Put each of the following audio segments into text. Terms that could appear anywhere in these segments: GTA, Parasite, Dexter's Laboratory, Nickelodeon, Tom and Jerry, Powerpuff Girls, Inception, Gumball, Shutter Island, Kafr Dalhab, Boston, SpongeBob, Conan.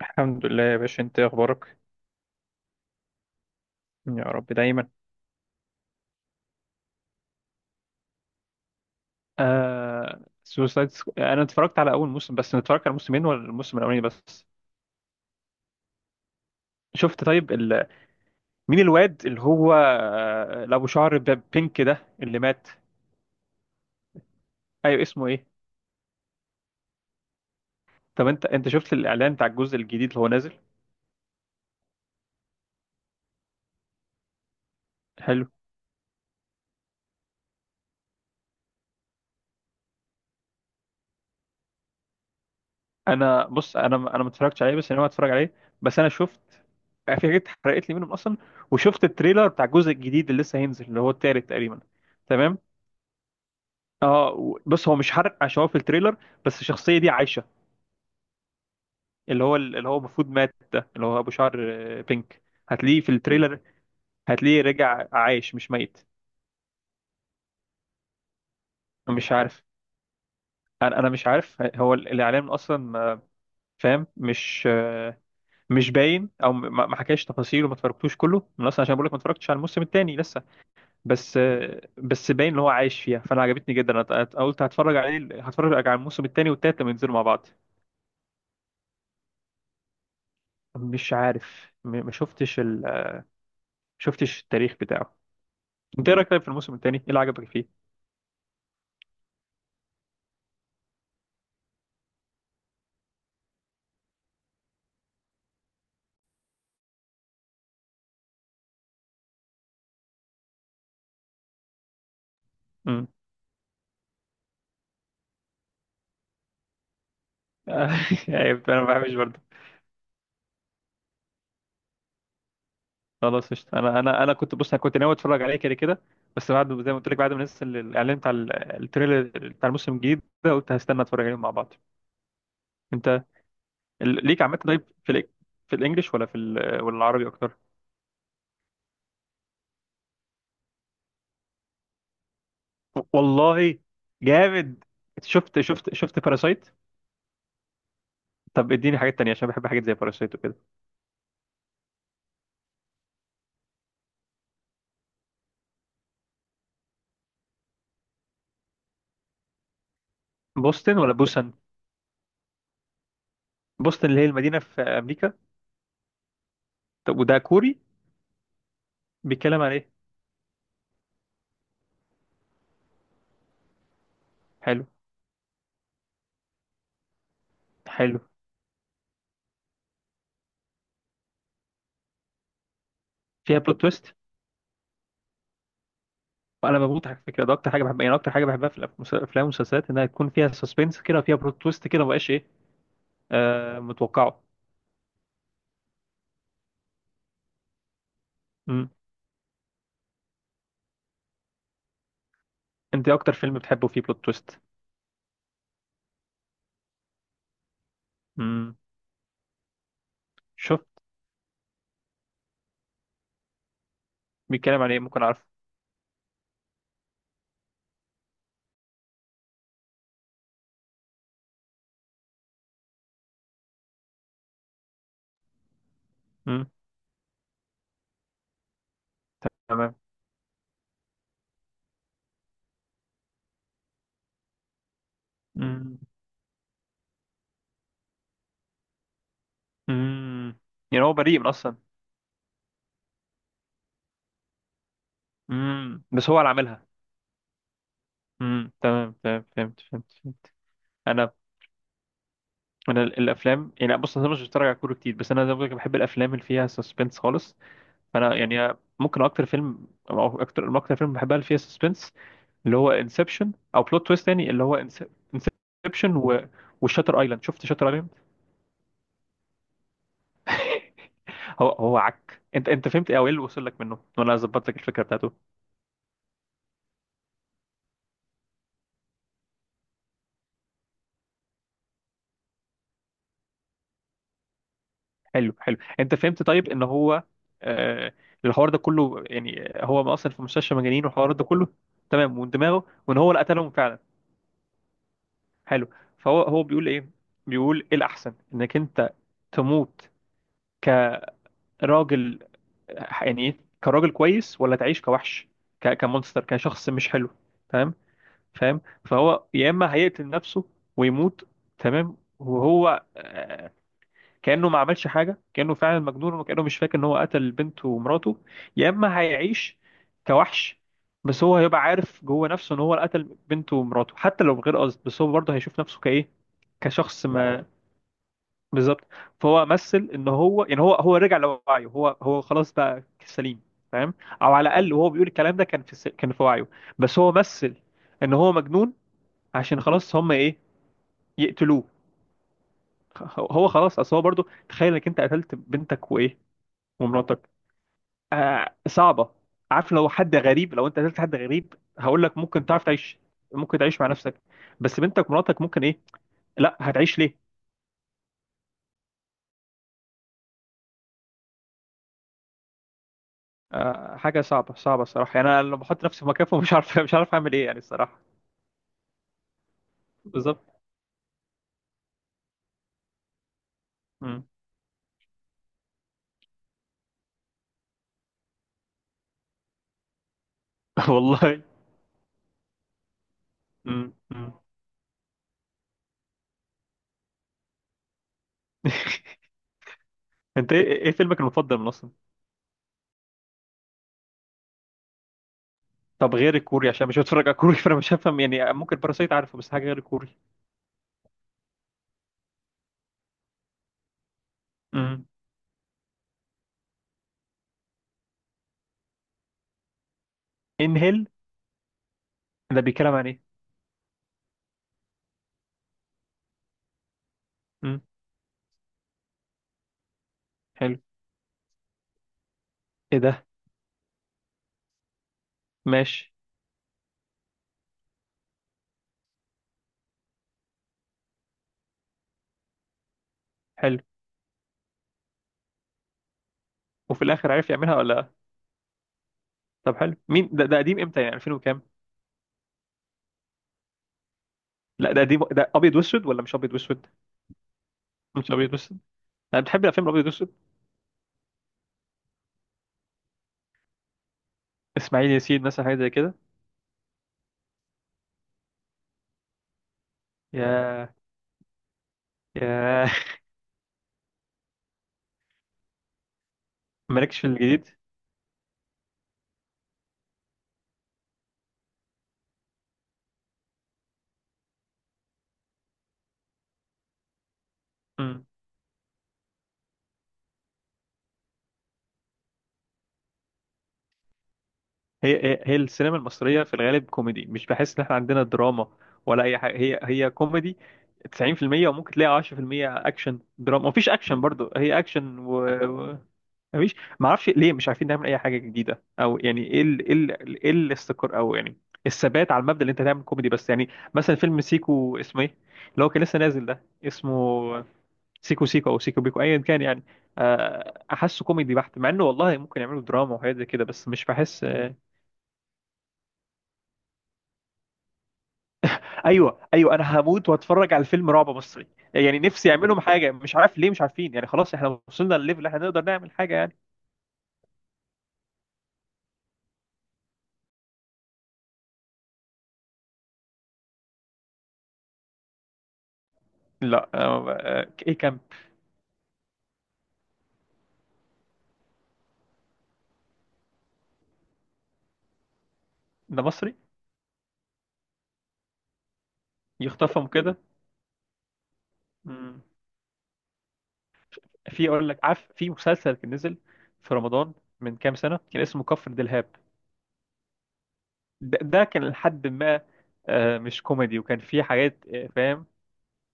الحمد لله يا باشا، انت ايه اخبارك؟ يا رب دايما. انا اتفرجت على اول موسم. بس انا اتفرجت على موسمين ولا الموسم الاولاني بس؟ شفت طيب مين الواد اللي هو، اللي ابو شعر بينك ده اللي مات؟ ايوه اسمه ايه؟ طب انت شفت الاعلان بتاع الجزء الجديد اللي هو نازل؟ حلو. انا بص، انا ما اتفرجتش عليه بس انا ناوي اتفرج عليه. بس انا شفت في حاجات اتحرقت لي منهم اصلا، وشفت التريلر بتاع الجزء الجديد اللي لسه هينزل اللي هو التالت تقريبا. تمام. اه بص، هو مش حرق عشان هو في التريلر، بس الشخصيه دي عايشه. اللي هو المفروض مات، ده اللي هو ابو شعر، بينك. هتلاقيه في التريلر. هتلاقيه رجع عايش مش ميت. مش عارف. انا مش عارف هو الاعلان اصلا، فاهم؟ مش مش باين. او ما حكاش تفاصيله. ما اتفرجتوش كله من اصلا عشان بقول لك ما اتفرجتش على الموسم الثاني لسه. بس بس باين ان هو عايش فيها. فانا عجبتني جدا. أنا قلت هتفرج عليه، هتفرج على الموسم الثاني والثالث لما ينزلوا مع بعض. مش عارف، ما شفتش. شفتش التاريخ بتاعه. انت ايه رايك طيب في الموسم الثاني؟ ايه اللي عجبك فيه؟ امم. ايوه انا ما بحبش برضه. خلاص قشطة. انا كنت بص، انا كنت ناوي اتفرج عليه كده كده. بس بعد زي ما قلت لك، بعد ما نزل الاعلان بتاع التريلر بتاع الموسم الجديد ده، قلت هستنى اتفرج عليهم مع بعض. انت ليك عامه طيب في في الانجليش ولا في ولا العربي اكتر؟ والله جامد. شفت باراسايت؟ طب اديني حاجات تانية عشان بحب حاجات زي باراسايت وكده. بوسطن ولا بوسن؟ بوسطن اللي هي المدينه في امريكا. طب وده كوري؟ بيتكلم عن ايه؟ حلو حلو. فيها بلوت تويست. وانا بموت على فكره، ده اكتر حاجه بحبها، يعني اكتر حاجه بحبها في الافلام والمسلسلات انها يكون فيها سسبنس كده وفيها بلوت تويست كده، مبقاش ايه، متوقعه. امم. انت إيه اكتر فيلم بتحبه فيه بلوت تويست؟ امم. شوف. بيتكلم عن ايه؟ ممكن اعرفه. امم. تمام. امم. امم. يعني هو بريء من اصلا؟ امم. بس هو اللي عاملها. امم. تمام تمام. فهمت فهمت فهمت. انا. انا الافلام يعني بص، انا مش بتفرج على كوره كتير، بس انا زي ما بقولك بحب الافلام اللي فيها سسبنس خالص. فانا يعني ممكن اكتر فيلم او اكتر فيلم بحبها اللي فيها سسبنس، اللي هو انسبشن. او بلوت تويست تاني اللي هو انسبشن، و وشاتر ايلاند. شفت شاتر ايلاند؟ هو عك. انت فهمت ايه؟ او ايه اللي وصل لك منه؟ وانا ظبطت لك الفكره بتاعته. حلو حلو. انت فهمت طيب ان هو، آه الحوار ده كله، يعني هو اصلا في مستشفى مجانين، والحوار ده كله تمام، ومن دماغه. وان هو اللي قتلهم فعلا. حلو. فهو بيقول ايه؟ بيقول ايه الاحسن، انك انت تموت كراجل. يعني ايه كراجل كويس ولا تعيش كوحش، كمونستر، كشخص مش حلو؟ تمام. فاهم؟ فهو يا اما هيقتل نفسه ويموت. تمام. وهو، كأنه ما عملش حاجة، كأنه فعلا مجنون، وكأنه مش فاكر ان هو قتل بنته ومراته. يا اما هيعيش كوحش، بس هو هيبقى عارف جوه نفسه ان هو اللي قتل بنته ومراته حتى لو بغير قصد. بس هو برضه هيشوف نفسه كايه، كشخص ما. بالظبط. فهو مثل ان هو، يعني هو رجع لوعيه. هو خلاص بقى سليم، فاهم؟ او على الاقل وهو بيقول الكلام ده كان في كان في وعيه. بس هو مثل ان هو مجنون عشان خلاص هم ايه، يقتلوه. هو خلاص. اصل هو برضه، تخيل انك انت قتلت بنتك وايه، ومراتك. آه صعبه. عارف لو حد غريب، لو انت قتلت حد غريب، هقول لك ممكن تعرف تعيش. ممكن تعيش مع نفسك. بس بنتك ومراتك، ممكن ايه؟ لا هتعيش ليه. حاجة صعبة صعبة الصراحة. يعني أنا لو بحط نفسي في مكانهم مش عارف، مش عارف أعمل إيه يعني الصراحة. بالظبط. مم. والله. مم. مم. أنت إيه إيه فيلمك المفضل من أصلا؟ طب غير الكوري عشان مش بتفرج على كوري، فأنا مش هفهم يعني. ممكن باراسايت عارفه، بس حاجة غير الكوري. مم. إنهيل. ده بيتكلم عن إيه؟ مم. حلو. إيه ده؟ ماشي. حلو. وفي الآخر عرف يعملها ولا لأ؟ طب حلو. مين ده؟ ده قديم إمتى؟ يعني 2000 وكام؟ لا ده قديم، ده أبيض وأسود ولا مش أبيض وأسود؟ مش أبيض وأسود. أنا بتحب الأفلام الأبيض وأسود؟ إسماعيل ياسين مثلا حاجة زي كده. يا ياه. مالكش في الجديد؟ مم. هي السينما المصرية في الغالب كوميدي. مش بحس ان احنا عندنا دراما ولا اي حاجة. هي كوميدي 90%، وممكن تلاقي 10% اكشن دراما. مفيش اكشن برضو. هي اكشن و... و... مفيش. معرفش ليه مش عارفين نعمل اي حاجة جديدة. او يعني ايه الاستقرار، او يعني الثبات على المبدأ، اللي انت تعمل كوميدي بس. يعني مثلا فيلم سيكو اسمه ايه، اللي هو كان لسه نازل ده، اسمه سيكو سيكو او سيكو بيكو ايا كان يعني، احسه كوميدي بحت، مع انه والله ممكن يعملوا دراما وحاجات زي كده. بس مش بحس. ايوه ايوه، انا هموت واتفرج على فيلم رعب مصري. يعني نفسي يعملهم حاجه. مش عارف ليه مش عارفين يعني. خلاص احنا وصلنا للليفل اللي احنا نقدر نعمل حاجه يعني. لا ايه كان. ده مصري؟ يخطفهم كده. مم. في اقول لك، عارف في مسلسل كان نزل في رمضان من كام سنه، كان اسمه كفر دلهاب. ده كان لحد ما، مش كوميدي، وكان فيه حاجات، فاهم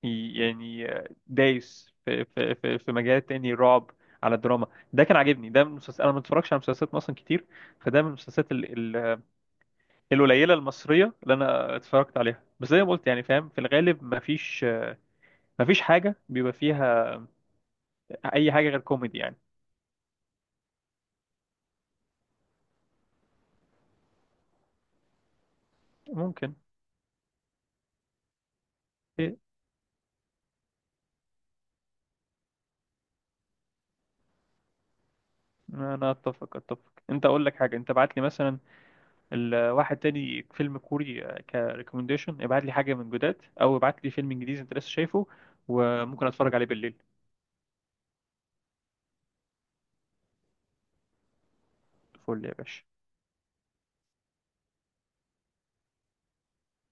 يعني، دايس في مجال تاني، رعب على الدراما. ده كان عاجبني ده من مسلسل. انا ما اتفرجش على مسلسلات مصر كتير. فده من المسلسلات القليله المصريه اللي انا اتفرجت عليها. بس زي ما قلت يعني، فاهم، في الغالب ما فيش، ما فيش حاجه بيبقى فيها اي حاجه غير كوميدي يعني. ممكن إيه، انا اتفق اتفق. انت اقول لك حاجه، انت بعت لي مثلا الواحد تاني فيلم كوري كريكومنديشن، ابعت لي حاجه من جداد او ابعت لي فيلم انجليزي انت لسه شايفه، وممكن اتفرج عليه بالليل. فل يا باشا.